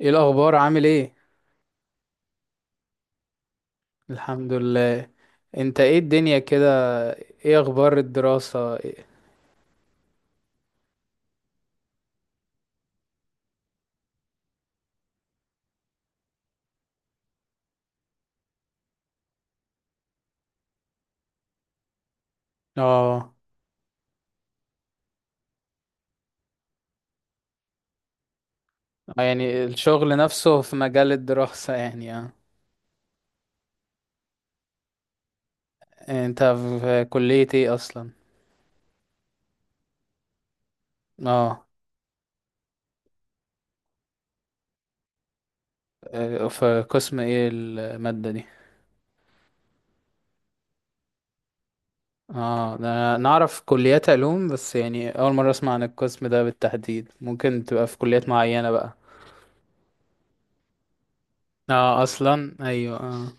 ايه الاخبار؟ عامل ايه؟ الحمد لله. انت ايه الدنيا كده؟ ايه اخبار الدراسة اه يعني الشغل نفسه في مجال الدراسة يعني اه. انت في كلية ايه اصلا؟ اه. في قسم ايه المادة دي؟ اه، ده أنا نعرف كليات علوم، بس يعني اول مرة اسمع عن القسم ده بالتحديد، ممكن تبقى في كليات معينة بقى. اه، اصلا ايوه اه.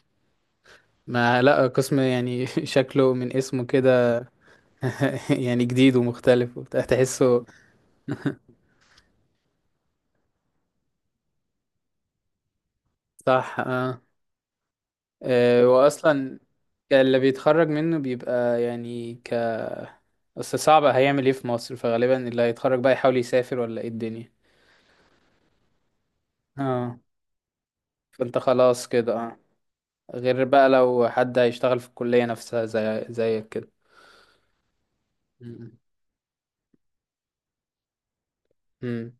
ما لا قسم يعني شكله من اسمه كده. يعني جديد ومختلف وبتاع، تحسه. صح اه. واصلا اللي بيتخرج منه بيبقى يعني اصل صعب، هيعمل ايه في مصر؟ فغالبا اللي هيتخرج بقى يحاول يسافر ولا ايه الدنيا. اه، فانت خلاص كده اه، غير بقى لو حد هيشتغل في الكلية نفسها زي زيك كده. مم. مم.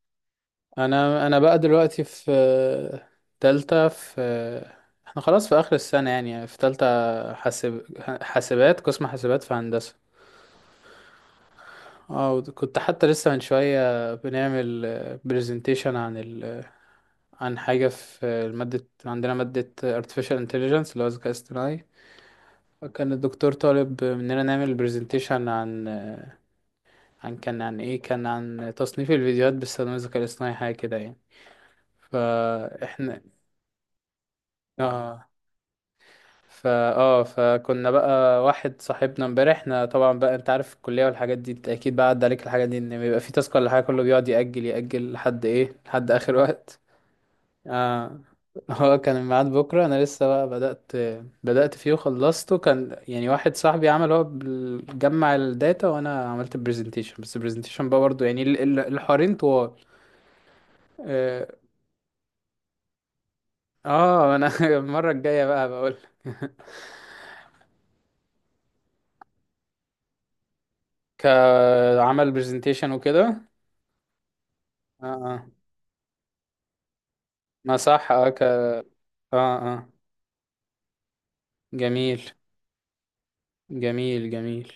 انا بقى دلوقتي في تالتة، في احنا خلاص في اخر السنة يعني، في تالتة. حاسب حاسبات، قسم حاسبات في هندسة. اه، كنت حتى لسه من شوية بنعمل برزنتيشن عن حاجة في المادة، عندنا مادة artificial intelligence اللي هو الذكاء الاصطناعي. كان الدكتور طالب مننا نعمل برزنتيشن عن عن كان عن ايه كان عن تصنيف الفيديوهات باستخدام الذكاء الاصطناعي، حاجة كده يعني. فاحنا اه فا اه فكنا بقى، واحد صاحبنا امبارح، احنا طبعا بقى انت عارف الكلية والحاجات دي، انت اكيد بقى عدى عليك الحاجات دي، ان بيبقى في تاسك ولا حاجة كله بيقعد يأجل لحد ايه، لحد اخر وقت. آه. هو كان الميعاد بكرة، أنا لسه بقى بدأت فيه وخلصته، كان يعني واحد صاحبي عمل هو جمع الداتا، وأنا عملت البرزنتيشن. بس البرزنتيشن بقى برضه يعني الحوارين طوال. اه. أنا المرة الجاية بقى بقول. كعمل برزنتيشن وكده. اه اه. ما صح اه ك اه اه. جميل جميل جميل.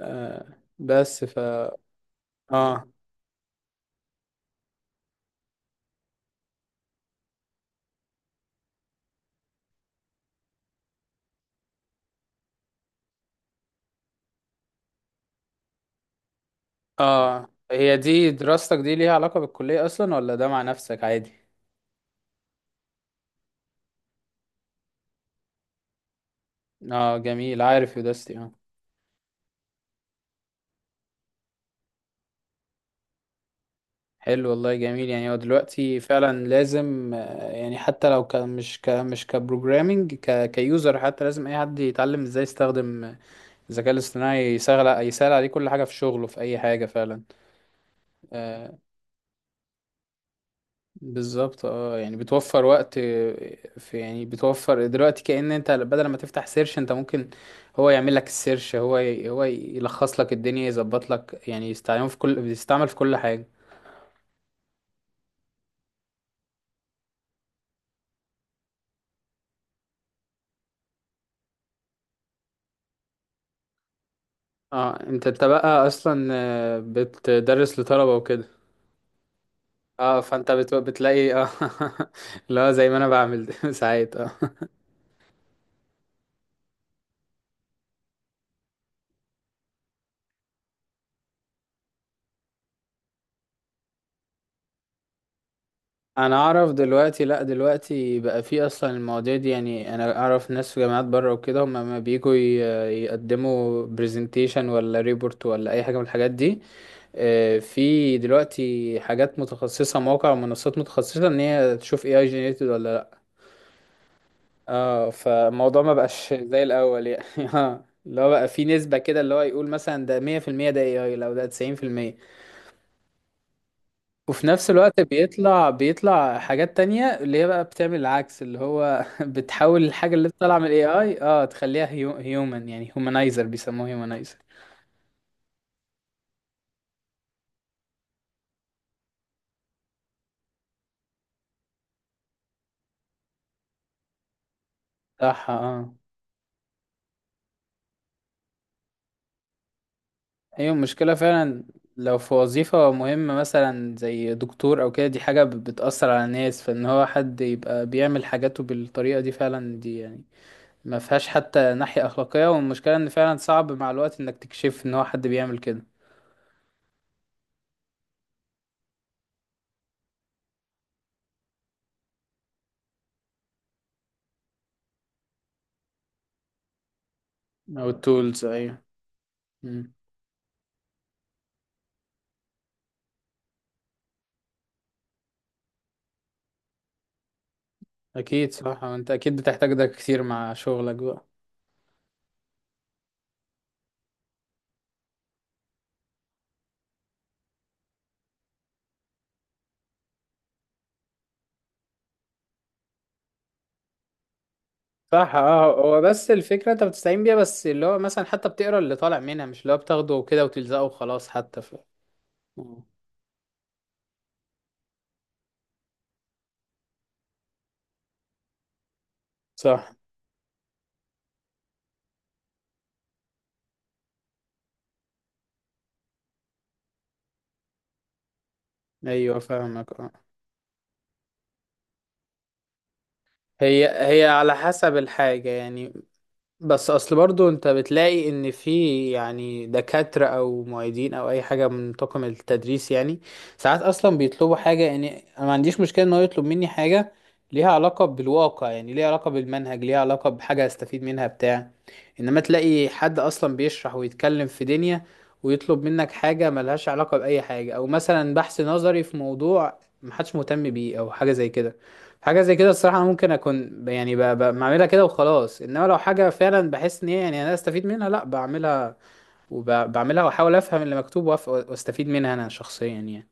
آه. بس ف اه اه. هي دي دراستك دي ليها علاقة بالكلية اصلا، ولا ده مع نفسك عادي؟ اه، جميل، عارف يوداستي اه. حلو والله، جميل. يعني هو دلوقتي فعلا لازم يعني حتى لو ك مش ك مش كبروجرامينج، ك كيوزر حتى، لازم اي حد يتعلم ازاي يستخدم الذكاء الاصطناعي، يسهل، يسهل عليه كل حاجة في شغله، في اي حاجة فعلا. آه، بالظبط اه، يعني بتوفر وقت يعني بتوفر دلوقتي، كأن انت بدل ما تفتح سيرش، انت ممكن هو يعمل لك السيرش، هو يلخص لك الدنيا، يظبط لك، يعني يستعمل في كل بيستعمل في كل حاجة. اه. انت بقى اصلا بتدرس لطلبة وكده. اه، بتلاقي اه لا زي ما انا بعمل ساعات اه. انا اعرف دلوقتي، لا دلوقتي بقى في اصلا المواضيع دي، يعني انا اعرف ناس في جامعات بره وكده، هم لما بييجوا يقدموا برزنتيشن ولا ريبورت ولا اي حاجه من الحاجات دي، في دلوقتي حاجات متخصصه، مواقع ومنصات متخصصه، ان هي تشوف اي اي جينيريتد ولا لا. اه، فالموضوع ما بقاش زي الاول يعني اه، اللي هو بقى في نسبه كده، اللي هو يقول مثلا ده 100% ده اي اي، لو ده 90% وفي نفس الوقت بيطلع حاجات تانية، اللي هي بقى بتعمل العكس، اللي هو بتحاول الحاجة اللي طالعة من الاي اي اه تخليها هيومن، يعني هيومنايزر، بيسموه هيومنايزر. صح اه. هي المشكلة فعلا، لو في وظيفة مهمة مثلا زي دكتور او كده، دي حاجة بتأثر على الناس، فان هو حد يبقى بيعمل حاجاته بالطريقة دي فعلا دي، يعني ما فيهاش حتى ناحية أخلاقية. والمشكلة ان فعلا صعب مع الوقت انك تكشف ان هو حد بيعمل كده. او التولز ايوه. اكيد صح، انت اكيد بتحتاج ده كتير مع شغلك بقى. صح اه. هو بس الفكرة انت بتستعين بيها، بس اللي هو مثلا حتى بتقرا اللي طالع منها، مش اللي هو بتاخده كده وتلزقه وخلاص حتى آه. صح. ايوه فاهمك اه. هي هي على حسب الحاجة يعني، بس اصل برضو انت بتلاقي ان في يعني دكاترة او معيدين او اي حاجة من طاقم التدريس يعني، ساعات اصلا بيطلبوا حاجة، يعني انا ما عنديش مشكلة ان هو يطلب مني حاجة ليها علاقة بالواقع، يعني ليها علاقة بالمنهج، ليها علاقة بحاجة استفيد منها بتاع. انما تلاقي حد اصلا بيشرح ويتكلم في دنيا ويطلب منك حاجة ملهاش علاقة بأي حاجة، او مثلا بحث نظري في موضوع محدش مهتم بيه او حاجة زي كده، حاجه زي كده الصراحه انا ممكن اكون بعملها كده وخلاص. انما لو حاجه فعلا بحس ان هي يعني انا استفيد منها، لا بعملها، وبعملها واحاول افهم اللي مكتوب واستفيد منها انا شخصيا يعني.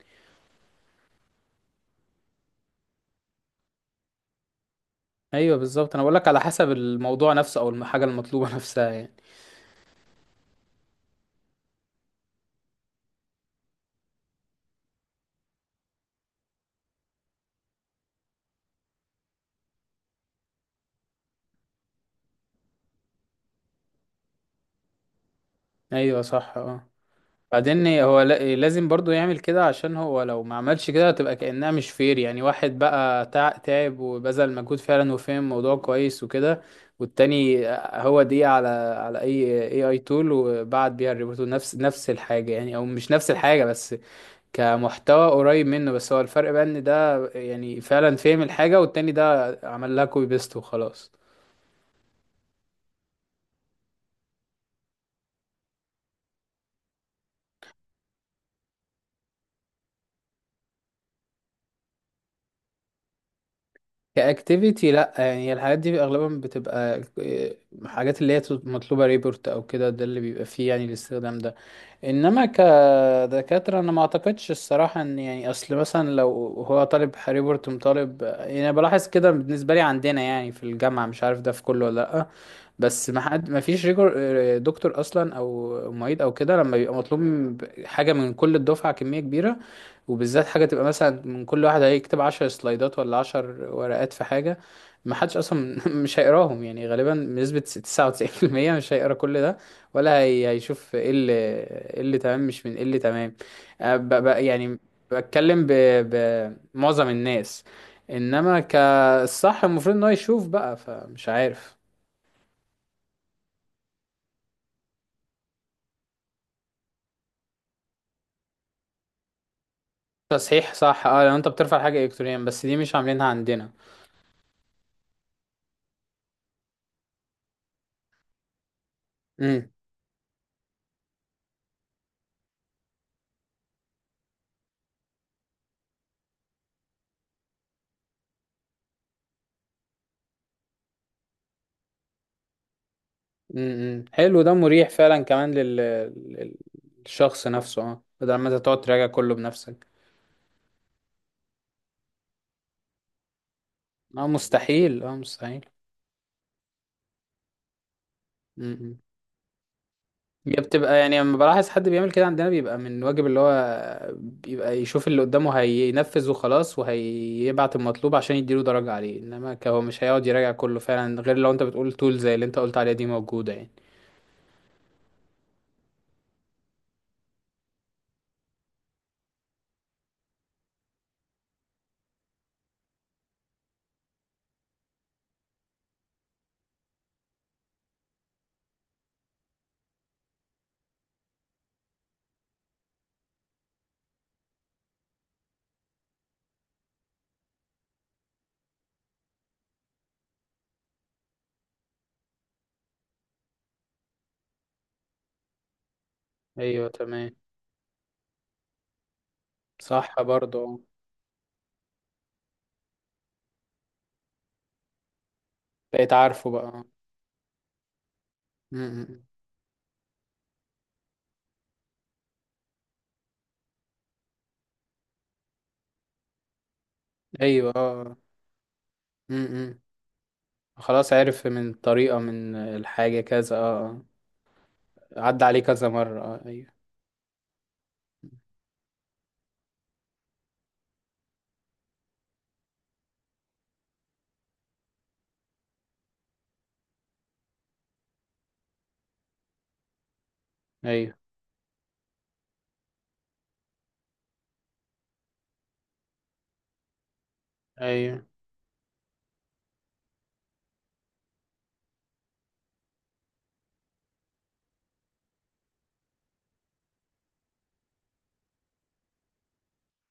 ايوه بالظبط، انا بقولك على حسب الموضوع نفسه او الحاجه المطلوبه نفسها يعني. ايوه صح اه. بعدين هو لازم برضو يعمل كده، عشان هو لو ما عملش كده هتبقى كأنها مش فير، يعني واحد بقى تعب وبذل مجهود فعلا وفهم الموضوع كويس وكده، والتاني هو دي على على اي اي اي تول وبعت بيها الريبورت، نفس نفس الحاجة يعني، او مش نفس الحاجة بس كمحتوى قريب منه. بس هو الفرق بقى ان ده يعني فعلا فهم الحاجة، والتاني ده عمل لها كوبي بيست وخلاص. كاكتيفيتي لا، يعني الحاجات دي اغلبا بتبقى حاجات اللي هي مطلوبه ريبورت او كده، ده اللي بيبقى فيه يعني الاستخدام ده. انما كدكاتره انا ما اعتقدش الصراحه، ان يعني اصل مثلا لو هو طالب ريبورت مطالب، يعني أنا بلاحظ كده بالنسبه لي عندنا يعني في الجامعه، مش عارف ده في كله ولا لا، بس ما حد ما فيش ريجور دكتور اصلا او معيد او كده، لما بيبقى مطلوب حاجه من كل الدفعه كميه كبيره، وبالذات حاجة تبقى مثلا من كل واحد هيكتب عشر سلايدات ولا عشر ورقات في حاجة، ما حدش أصلا مش هيقراهم يعني، غالبا بنسبة تسعة وتسعين في المية مش هيقرا كل ده، ولا هي هيشوف ايه اللي، ايه اللي تمام مش من ايه اللي تمام، يعني بتكلم بمعظم الناس، انما كالصح المفروض ان هو يشوف بقى، فمش عارف. تصحيح صح اه، لو انت بترفع حاجة الكترونيا، بس دي مش عاملينها عندنا. امم، حلو، ده مريح فعلا، كمان للشخص نفسه اه، بدل ما انت تقعد تراجع كله بنفسك. اه مستحيل، اه مستحيل. امم. هي بتبقى يعني لما بلاحظ حد بيعمل كده عندنا، بيبقى من واجب اللي هو بيبقى يشوف اللي قدامه هينفذ وخلاص، وهيبعت المطلوب عشان يديله درجة عليه. انما هو مش هيقعد يراجع كله فعلا، غير لو انت بتقول تول زي اللي انت قلت عليها دي موجودة يعني. ايوه تمام. صح برضه، بقيت عارفه بقى. امم. ايوه اه. امم. خلاص عرف من الطريقة، من الحاجة كذا اه. آه. عدى عليه كذا مرة اه ايوه. ايوه. ايوه.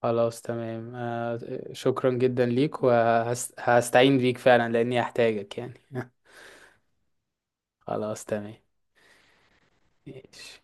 خلاص تمام. آه. شكرا جدا ليك، وهستعين بيك فعلا لاني هحتاجك يعني. خلاص تمام. ماشي.